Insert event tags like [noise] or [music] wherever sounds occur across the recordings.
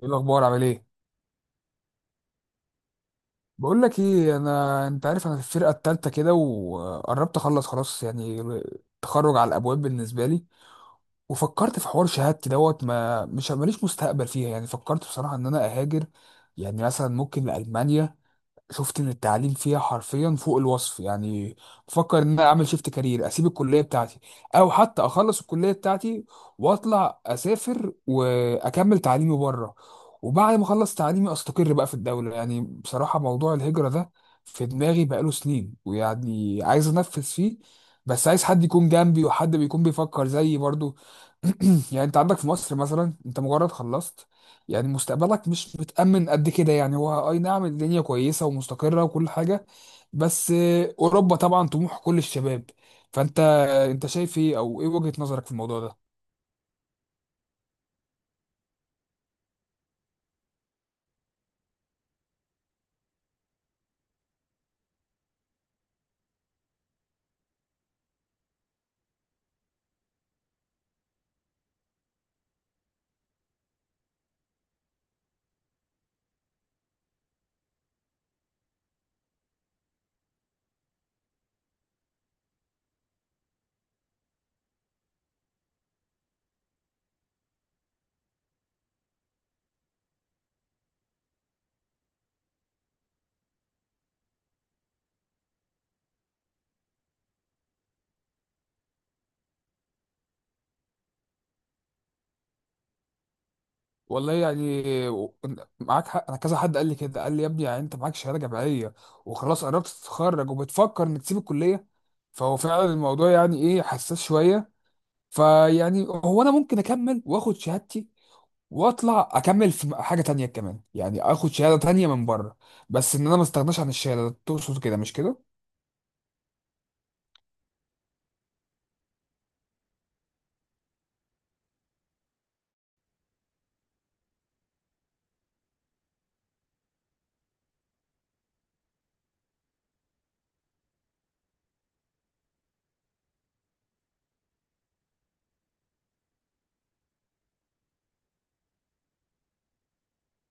ايه الاخبار؟ عامل ايه؟ بقول لك ايه، انت عارف، انا في الفرقه التالتة كده وقربت اخلص، خلاص، يعني تخرج على الابواب بالنسبه لي. وفكرت في حوار شهادتي دوت ما مش ماليش مستقبل فيها. يعني فكرت بصراحه ان انا اهاجر، يعني مثلا ممكن لالمانيا. شفت ان التعليم فيها حرفيا فوق الوصف. يعني بفكر ان انا اعمل شيفت كارير، اسيب الكليه بتاعتي، او حتى اخلص الكليه بتاعتي واطلع اسافر واكمل تعليمي بره، وبعد ما اخلص تعليمي استقر بقى في الدوله. يعني بصراحه موضوع الهجره ده في دماغي بقاله سنين، ويعني عايز انفذ فيه. بس عايز حد يكون جنبي وحد بيكون بيفكر زيي برضو. [clears throat] يعني انت عندك في مصر مثلا، انت مجرد خلصت، يعني مستقبلك مش متأمن قد كده. يعني هو أي نعم الدنيا كويسة ومستقرة وكل حاجة، بس أوروبا طبعا طموح كل الشباب. فأنت أنت شايف إيه، أو إيه وجهة نظرك في الموضوع ده؟ والله يعني، معاك حق. أنا كذا حد قال لي كده، قال لي يا ابني، يعني أنت معاك شهادة جامعية وخلاص قربت تتخرج وبتفكر إنك تسيب الكلية. فهو فعلا الموضوع يعني إيه، حساس شوية. فيعني هو أنا ممكن أكمل وآخد شهادتي واطلع اكمل في حاجه تانية كمان، يعني اخد شهاده تانية من بره. بس ان انا ما استغناش عن الشهاده، تقصد كده مش كده؟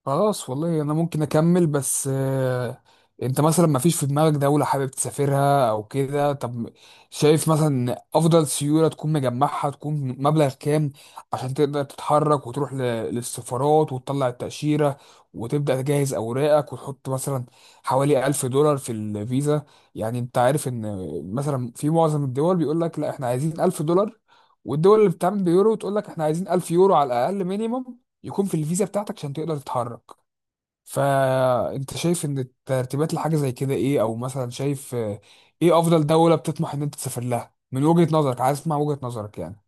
خلاص والله انا ممكن اكمل. بس انت مثلا ما فيش في دماغك دولة حابب تسافرها او كده؟ طب شايف مثلا افضل سيولة تكون مجمعها تكون مبلغ كام عشان تقدر تتحرك وتروح للسفارات وتطلع التأشيرة وتبدأ تجهز اوراقك وتحط مثلا حوالي 1000 دولار في الفيزا. يعني انت عارف ان مثلا في معظم الدول بيقول لك لا احنا عايزين 1000 دولار، والدول اللي بتعمل بيورو تقول لك احنا عايزين 1000 يورو على الاقل مينيمم يكون في الفيزا بتاعتك عشان تقدر تتحرك. فانت شايف ان الترتيبات لحاجه زي كده ايه، او مثلا شايف ايه افضل دوله بتطمح ان انت تسافر لها من وجهه نظرك؟ عايز اسمع وجهه نظرك يعني.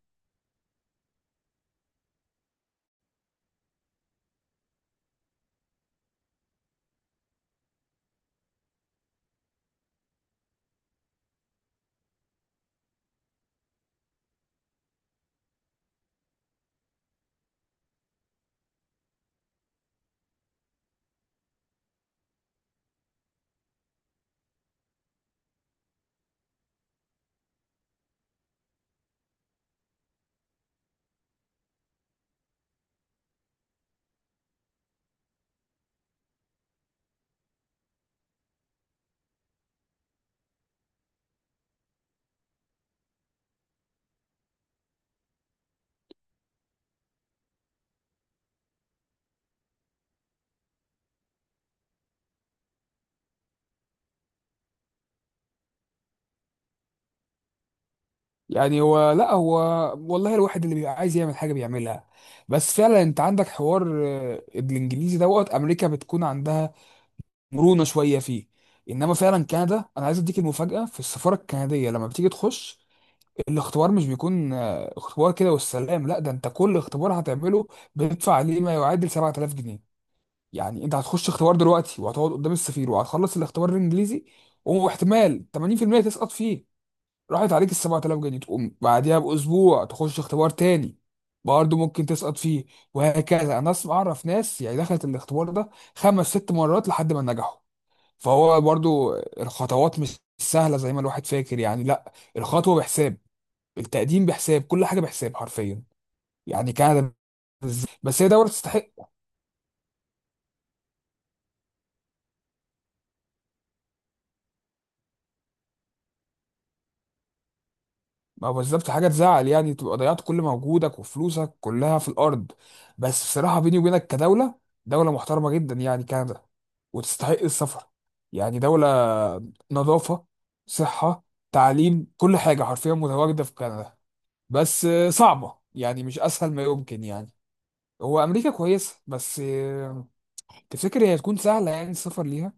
يعني هو لا هو والله الواحد اللي بيبقى عايز يعمل حاجه بيعملها. بس فعلا انت عندك حوار، الانجليزي دوت، امريكا بتكون عندها مرونه شويه فيه. انما فعلا كندا، انا عايز اديك المفاجاه، في السفاره الكنديه لما بتيجي تخش الاختبار مش بيكون اختبار كده والسلام. لا ده انت كل اختبار هتعمله بتدفع عليه ما يعادل 7000 جنيه. يعني انت هتخش اختبار دلوقتي وهتقعد قدام السفير وهتخلص الاختبار الانجليزي واحتمال 80% تسقط فيه. راحت عليك ال 7000 جنيه، تقوم بعديها باسبوع تخش اختبار تاني برضه ممكن تسقط فيه، وهكذا. انا اسمع اعرف ناس يعني دخلت الاختبار ده خمس ست مرات لحد ما نجحوا. فهو برضه الخطوات مش سهلة زي ما الواحد فاكر، يعني لا، الخطوة بحساب، التقديم بحساب، كل حاجه بحساب حرفيا، يعني كندا، بس هي دوله تستحق. ما هو بالظبط، حاجه تزعل، يعني تبقى ضيعت كل مجهودك وفلوسك كلها في الارض. بس بصراحه بيني وبينك، كدوله، دوله محترمه جدا يعني كندا وتستحق السفر. يعني دوله، نظافه، صحه، تعليم، كل حاجه حرفيا متواجده في كندا. بس صعبه، يعني مش اسهل ما يمكن يعني. هو امريكا كويسه، بس تفتكر هي هتكون سهله يعني السفر ليها؟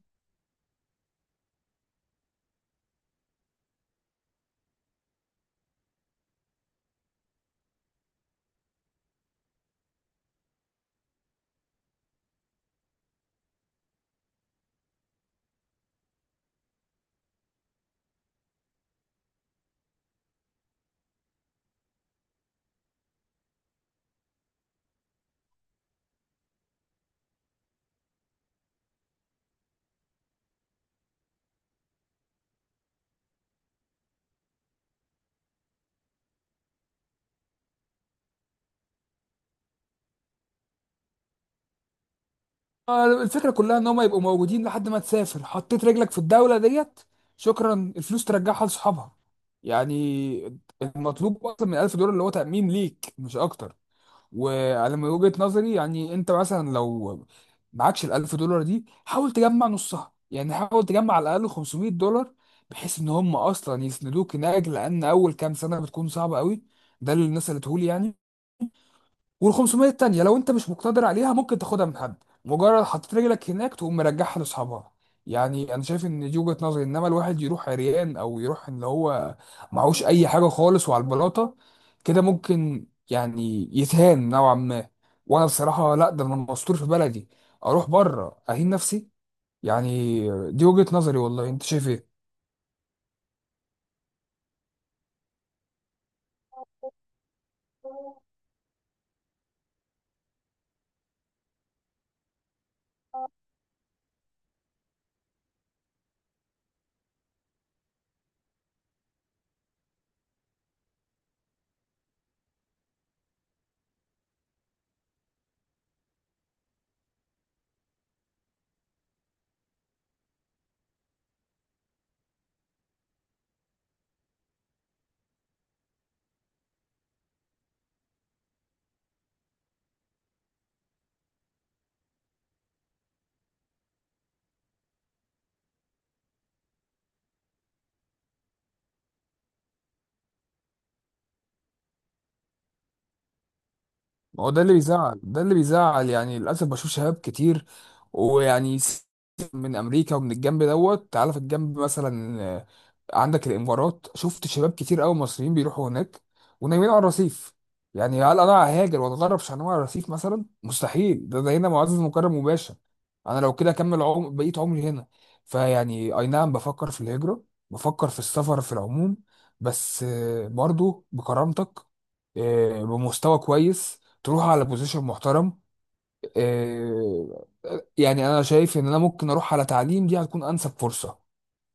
الفكرة كلها ان هم يبقوا موجودين لحد ما تسافر. حطيت رجلك في الدولة ديت، شكرا، الفلوس ترجعها لصحابها. يعني المطلوب اكتر من 1000 دولار اللي هو تأمين ليك مش اكتر. وعلى من وجهة نظري، يعني انت مثلا لو معكش ال 1000 دولار دي حاول تجمع نصها، يعني حاول تجمع على الاقل 500 دولار بحيث ان هم اصلا يسندوك هناك، لان اول كام سنة بتكون صعبة قوي. ده اللي الناس قالته لي يعني. وال 500 التانية لو انت مش مقتدر عليها ممكن تاخدها من حد، مجرد حطيت رجلك هناك تقوم مرجعها لاصحابها. يعني انا شايف ان دي وجهة نظري. انما الواحد يروح عريان، او يروح ان هو معهوش اي حاجة خالص وعلى البلاطة كده، ممكن يعني يتهان نوعا ما. وانا بصراحة لا، ده انا مستور في بلدي، اروح بره اهين نفسي؟ يعني دي وجهة نظري، والله انت شايف ايه؟ ما هو ده اللي بيزعل، ده اللي بيزعل، يعني للاسف بشوف شباب كتير ويعني من امريكا ومن الجنب دوت. تعالى في الجنب مثلا، عندك الامارات، شفت شباب كتير قوي مصريين بيروحوا هناك ونايمين على الرصيف. يعني هل انا ههاجر واتغرب عشان انام على الرصيف مثلا؟ مستحيل، ده هنا معزز مكرم مباشر. انا لو كده اكمل بقيت عمري هنا. فيعني اي نعم بفكر في الهجره، بفكر في السفر في العموم، بس برضو بكرامتك، بمستوى كويس، تروح على بوزيشن محترم. آه، يعني انا شايف ان انا ممكن اروح على تعليم، دي هتكون انسب فرصه.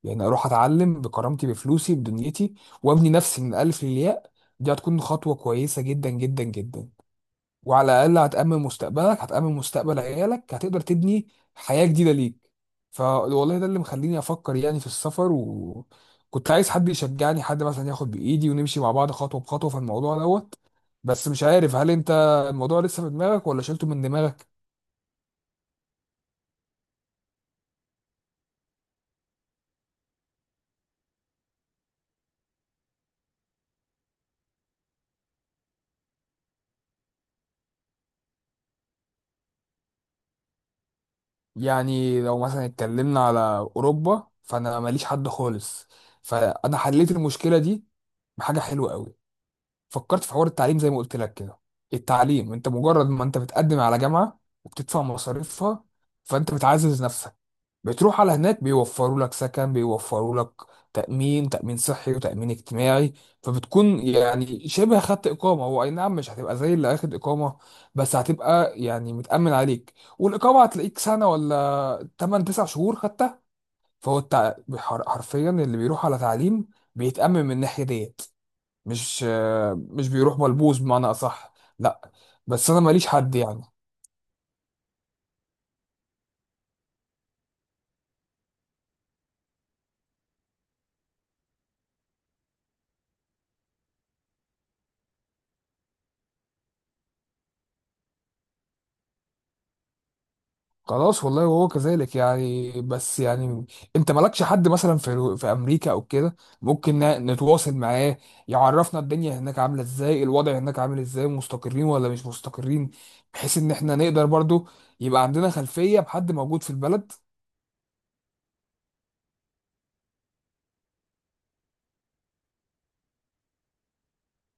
يعني اروح اتعلم بكرامتي بفلوسي بدنيتي وابني نفسي من الالف للياء. دي هتكون خطوه كويسه جدا جدا جدا. وعلى الاقل هتامن مستقبلك، هتامن مستقبل عيالك، هتقدر تبني حياه جديده ليك. فوالله ده اللي مخليني افكر يعني في السفر، وكنت عايز حد يشجعني، حد مثلا ياخد بايدي ونمشي مع بعض خطوه بخطوه في الموضوع دوت. بس مش عارف هل انت الموضوع لسه في دماغك ولا شلته من دماغك؟ يعني لو مثلا اتكلمنا على اوروبا فانا ماليش حد خالص، فانا حليت المشكله دي بحاجه حلوه قوي. فكرت في حوار التعليم زي ما قلت لك كده. التعليم، انت مجرد ما انت بتقدم على جامعة وبتدفع مصاريفها فانت بتعزز نفسك. بتروح على هناك بيوفروا لك سكن، بيوفروا لك تأمين، تأمين صحي وتأمين اجتماعي. فبتكون يعني شبه خدت إقامة. هو أي نعم مش هتبقى زي اللي أخد إقامة، بس هتبقى يعني متأمن عليك، والإقامة هتلاقيك سنة ولا 8 9 شهور خدتها. فهو حرفيا اللي بيروح على تعليم بيتأمن من الناحية ديت، مش مش بيروح ملبوس بمعنى اصح، لا. بس انا ماليش حد يعني. خلاص والله وهو كذلك يعني. بس يعني انت مالكش حد مثلا في امريكا او كده ممكن نتواصل معاه، يعرفنا الدنيا هناك عامله ازاي، الوضع هناك عامل ازاي، مستقرين ولا مش مستقرين، بحيث ان احنا نقدر برضو يبقى عندنا خلفيه بحد موجود في البلد.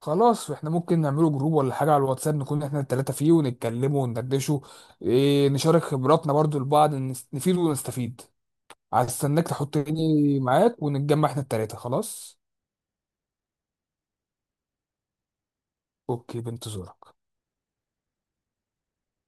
خلاص احنا ممكن نعمله جروب ولا حاجه على الواتساب نكون احنا التلاته فيه ونتكلموا وندردشوا، إيه، نشارك خبراتنا برضو لبعض، نفيد ونستفيد. هستناك تحطني معاك ونتجمع احنا التلاتة خلاص. اوكي، بنتظرك.